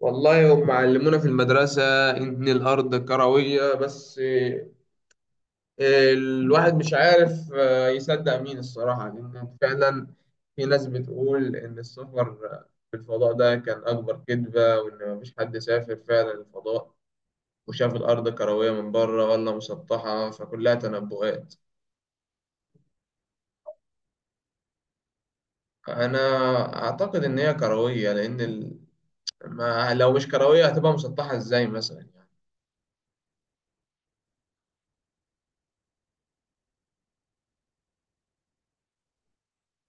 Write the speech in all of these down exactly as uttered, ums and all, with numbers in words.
والله هم علمونا في المدرسة إن الأرض كروية بس آه، الواحد مش عارف آه، يصدق مين الصراحة لأن فعلا في ناس بتقول إن السفر في الفضاء ده كان أكبر كذبة وإن مفيش حد سافر فعلا الفضاء وشاف الأرض كروية من بره ولا مسطحة، فكلها تنبؤات. أنا أعتقد إن هي كروية لأن ال... ما لو مش كروية هتبقى مسطحة إزاي مثلا يعني.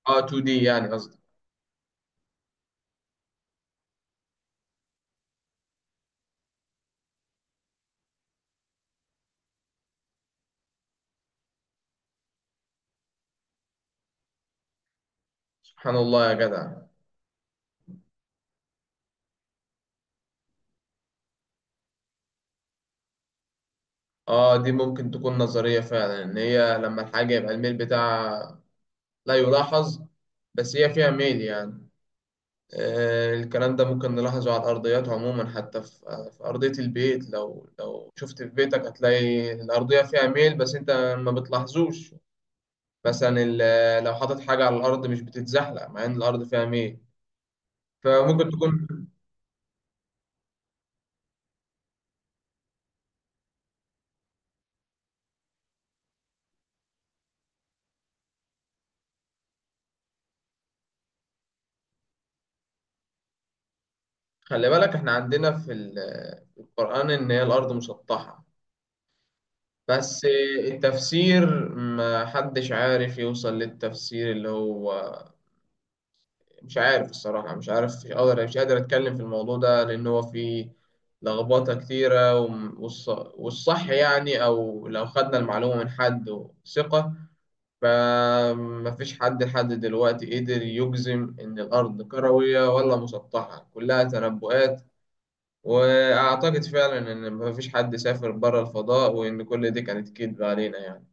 آه تو دي يعني قصدي. سبحان الله يا جدع. اه دي ممكن تكون نظرية فعلا، ان هي لما الحاجة يبقى الميل بتاعها لا يلاحظ، بس هي فيها ميل يعني. آه الكلام ده ممكن نلاحظه على الأرضيات عموما، حتى في, آه، في أرضية البيت. لو لو شفت في بيتك هتلاقي الأرضية فيها ميل، بس انت ما بتلاحظوش. مثلا ال- لو حاطط حاجة على الأرض مش بتتزحلق مع ان الأرض فيها ميل، فممكن تكون. خلي بالك احنا عندنا في ال- في القرآن ان هي الأرض مسطحة، بس التفسير ما حدش عارف يوصل للتفسير، اللي هو مش عارف الصراحة، مش عارف، مش قادر مش قادر أتكلم في الموضوع ده لأن هو فيه لخبطة كتيرة، وم- والص- والصح يعني، أو لو خدنا المعلومة من حد ثقة. فمفيش حد لحد دلوقتي قدر يجزم إن الأرض كروية ولا مسطحة، كلها تنبؤات. وأعتقد فعلا إن مفيش حد سافر بره الفضاء وإن كل دي كانت كذب علينا يعني.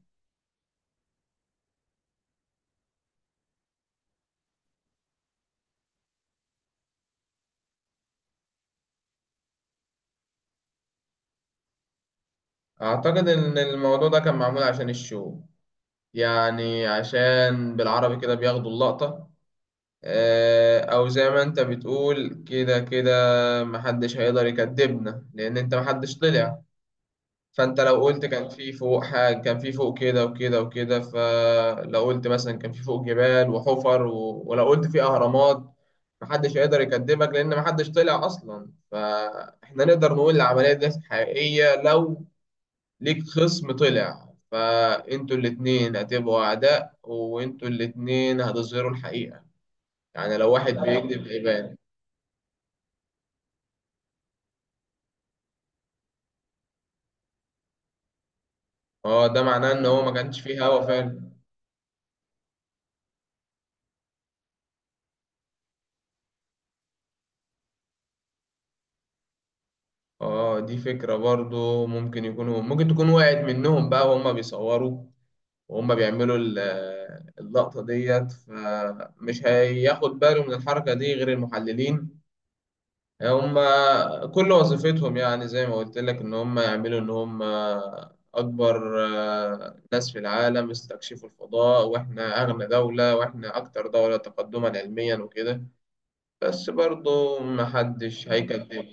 أعتقد إن الموضوع ده كان معمول عشان الشو، يعني عشان بالعربي كده بياخدوا اللقطة. آه، أو زي ما أنت بتقول كده كده، محدش هيقدر يكدبنا لأن أنت محدش طلع. فأنت لو قلت كان في فوق حاجة، كان في فوق كده وكده وكده، فلو قلت مثلا كان في فوق جبال وحفر و... ولو قلت في أهرامات، محدش هيقدر يكدبك لأن محدش طلع أصلا. فإحنا نقدر نقول العملية دي حقيقية لو ليك خصم طلع، فانتوا الاتنين هتبقوا اعداء وانتوا الاتنين هتظهروا الحقيقة، يعني لو واحد بيكذب هيبان. اه ده معناه ان هو ما كانش فيه هوا فعلا. اه دي فكرة برضو، ممكن يكونوا، ممكن تكون وقعت منهم بقى وهم بيصوروا وهم بيعملوا ال- اللقطة ديت، فمش هياخد باله من الحركة دي غير المحللين. هم كل وظيفتهم يعني زي ما قلت لك ان هم يعملوا ان هم اكبر آه، ناس في العالم استكشفوا الفضاء، واحنا اغنى دولة واحنا اكتر دولة تقدما علميا وكده، بس برضو محدش هيكذب.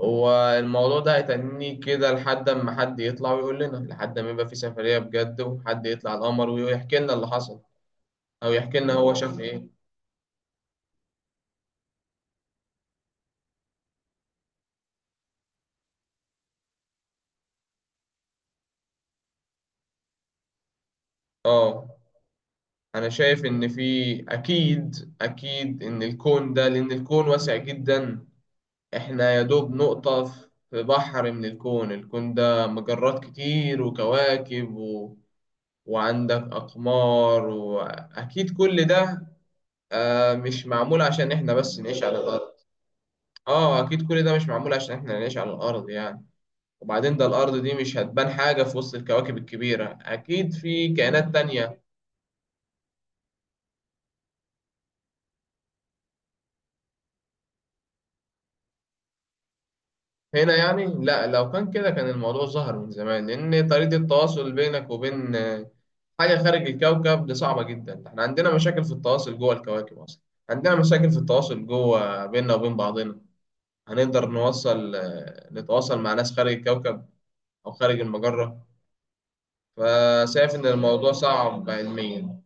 هو الموضوع ده هيتنيه كده لحد اما حد يطلع ويقول لنا، لحد ما يبقى في سفرية بجد وحد يطلع القمر ويحكي لنا اللي حصل، او يحكي لنا هو شاف ايه. اه أنا شايف إن في، أكيد أكيد إن الكون ده، لأن الكون واسع جدا، إحنا يا دوب نقطة في بحر من الكون. الكون ده مجرات كتير وكواكب و... وعندك أقمار، وأكيد كل ده آه مش معمول عشان إحنا بس نعيش على الأرض. آه أكيد كل ده مش معمول عشان إحنا نعيش على الأرض يعني. وبعدين ده الأرض دي مش هتبان حاجة في وسط الكواكب الكبيرة، أكيد في كائنات تانية. هنا يعني لا، لو كان كده كان الموضوع ظهر من زمان، لأن طريقة التواصل بينك وبين آه، حاجة خارج الكوكب دي صعبة جدا. احنا عندنا مشاكل في التواصل جوه الكواكب أصلا، عندنا مشاكل في التواصل جوه بيننا وبين بعضنا، هنقدر نوصل آه، نتواصل مع ناس خارج الكوكب أو خارج المجرة؟ فشايف إن الموضوع صعب علميا.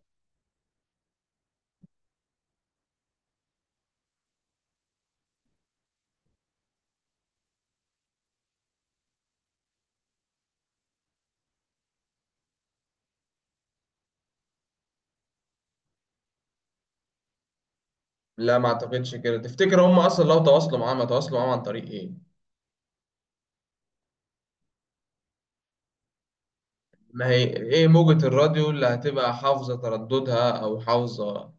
لا ما أعتقدش كده. تفتكر هم أصلا لو تواصلوا معاهم هيتواصلوا معاهم عن طريق إيه؟ ما هي ايه، موجة الراديو اللي هتبقى حافظة ترددها او حافظة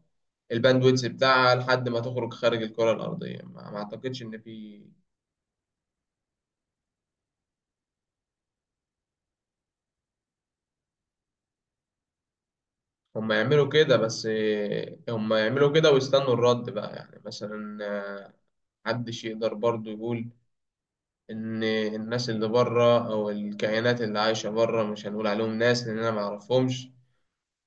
الباندويتس بتاعها لحد ما تخرج خارج الكرة الأرضية؟ ما ما أعتقدش إن في. هم يعملوا كده بس إيه، هم يعملوا كده ويستنوا الرد بقى، يعني مثلا آه، محدش يقدر برضو يقول إن الناس اللي بره أو الكائنات اللي عايشة بره، مش هنقول عليهم ناس لأن أنا معرفهمش،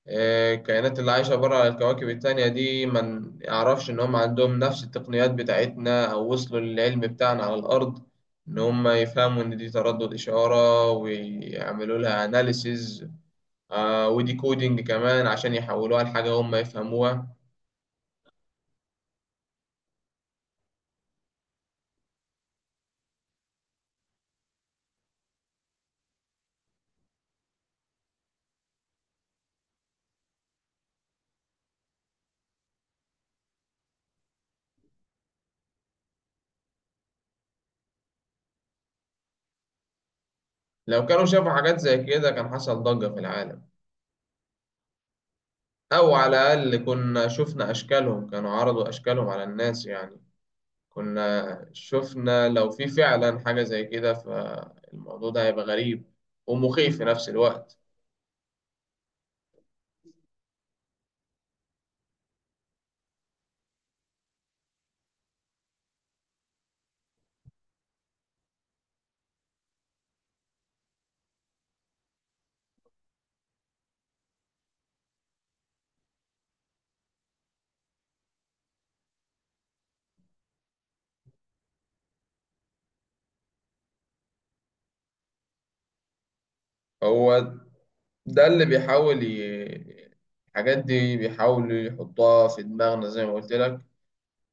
الكائنات اللي عايشة بره على الكواكب التانية دي، ما يعرفش إن هم عندهم نفس التقنيات بتاعتنا أو وصلوا للعلم بتاعنا على الأرض، إن هم يفهموا إن دي تردد إشارة ويعملوا لها أناليسيز، ودي كودينج كمان عشان يحولوها لحاجة هم يفهموها. لو كانوا شافوا حاجات زي كده كان حصل ضجة في العالم، أو على الأقل كنا شفنا أشكالهم، كانوا عرضوا أشكالهم على الناس يعني. كنا شفنا لو في فعلا حاجة زي كده، فالموضوع ده هيبقى غريب ومخيف في نفس الوقت. هو ده اللي بيحاول ي... الحاجات دي بيحاولوا يحطها في دماغنا زي ما قلت لك.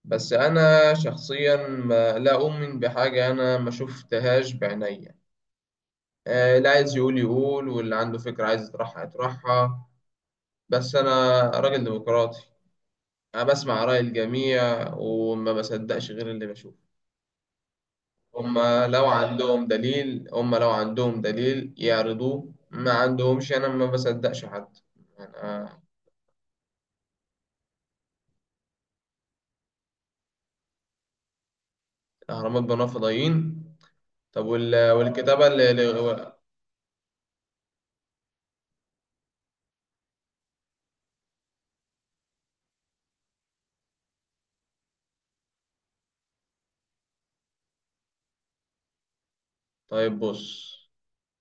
بس أنا شخصيا ما لا أؤمن بحاجة أنا ما شفتهاش بعينيا. آه، اللي عايز يقول يقول، واللي عنده فكرة عايز يطرحها يطرحها، بس أنا راجل ديمقراطي، أنا بسمع رأي الجميع وما بصدقش غير اللي بشوفه. هما لو عندهم دليل هما لو عندهم دليل يعرضوه، ما عندهمش، أنا ما بصدقش حد. أنا الأهرامات بنوها فضائيين؟ طب وال... والكتابة اللي... اللي- طيب بص،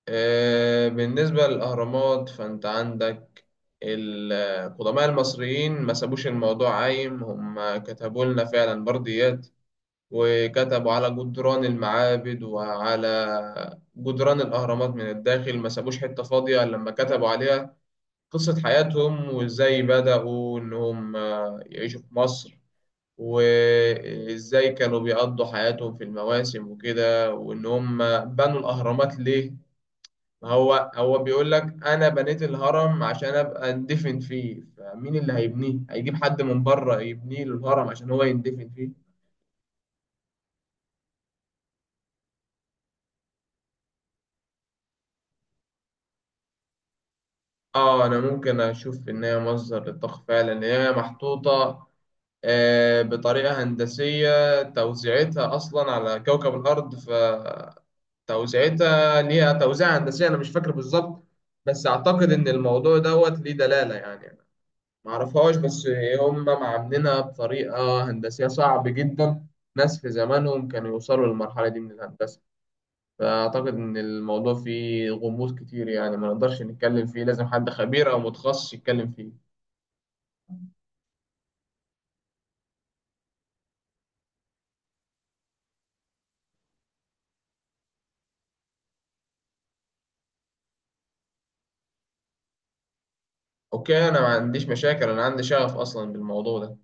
آه، بالنسبة للأهرامات فأنت عندك القدماء المصريين ما سابوش الموضوع عايم، هم كتبوا لنا فعلا برديات، وكتبوا على جدران المعابد وعلى جدران الأهرامات من الداخل، ما سابوش حتة فاضية لما كتبوا عليها قصة حياتهم وإزاي بدأوا إنهم آه، يعيشوا في مصر، وإزاي كانوا بيقضوا حياتهم في المواسم وكده، وإن هم بنوا الأهرامات ليه. ما هو هو بيقول لك أنا بنيت الهرم عشان أبقى أندفن فيه، فمين اللي هيبنيه؟ هيجيب حد من بره يبنيه له الهرم عشان هو يندفن فيه؟ آه أنا ممكن أشوف إن هي مصدر للطاقة فعلا، إن هي محطوطة آه، بطريقة هندسية، توزيعتها أصلا على كوكب الأرض، ف توزيعتها ليها توزيع هندسي، انا مش فاكر بالظبط، بس اعتقد ان الموضوع دوت ليه دلاله يعني. أنا ما اعرفهاش، بس هم معاملينها بطريقه هندسيه صعب جدا ناس في زمانهم كانوا يوصلوا للمرحله دي من الهندسه. فاعتقد ان الموضوع فيه غموض كتير يعني، ما نقدرش نتكلم فيه، لازم حد خبير او متخصص يتكلم فيه. اوكي انا ما عنديش مشاكل، انا عندي شغف اصلا بالموضوع ده.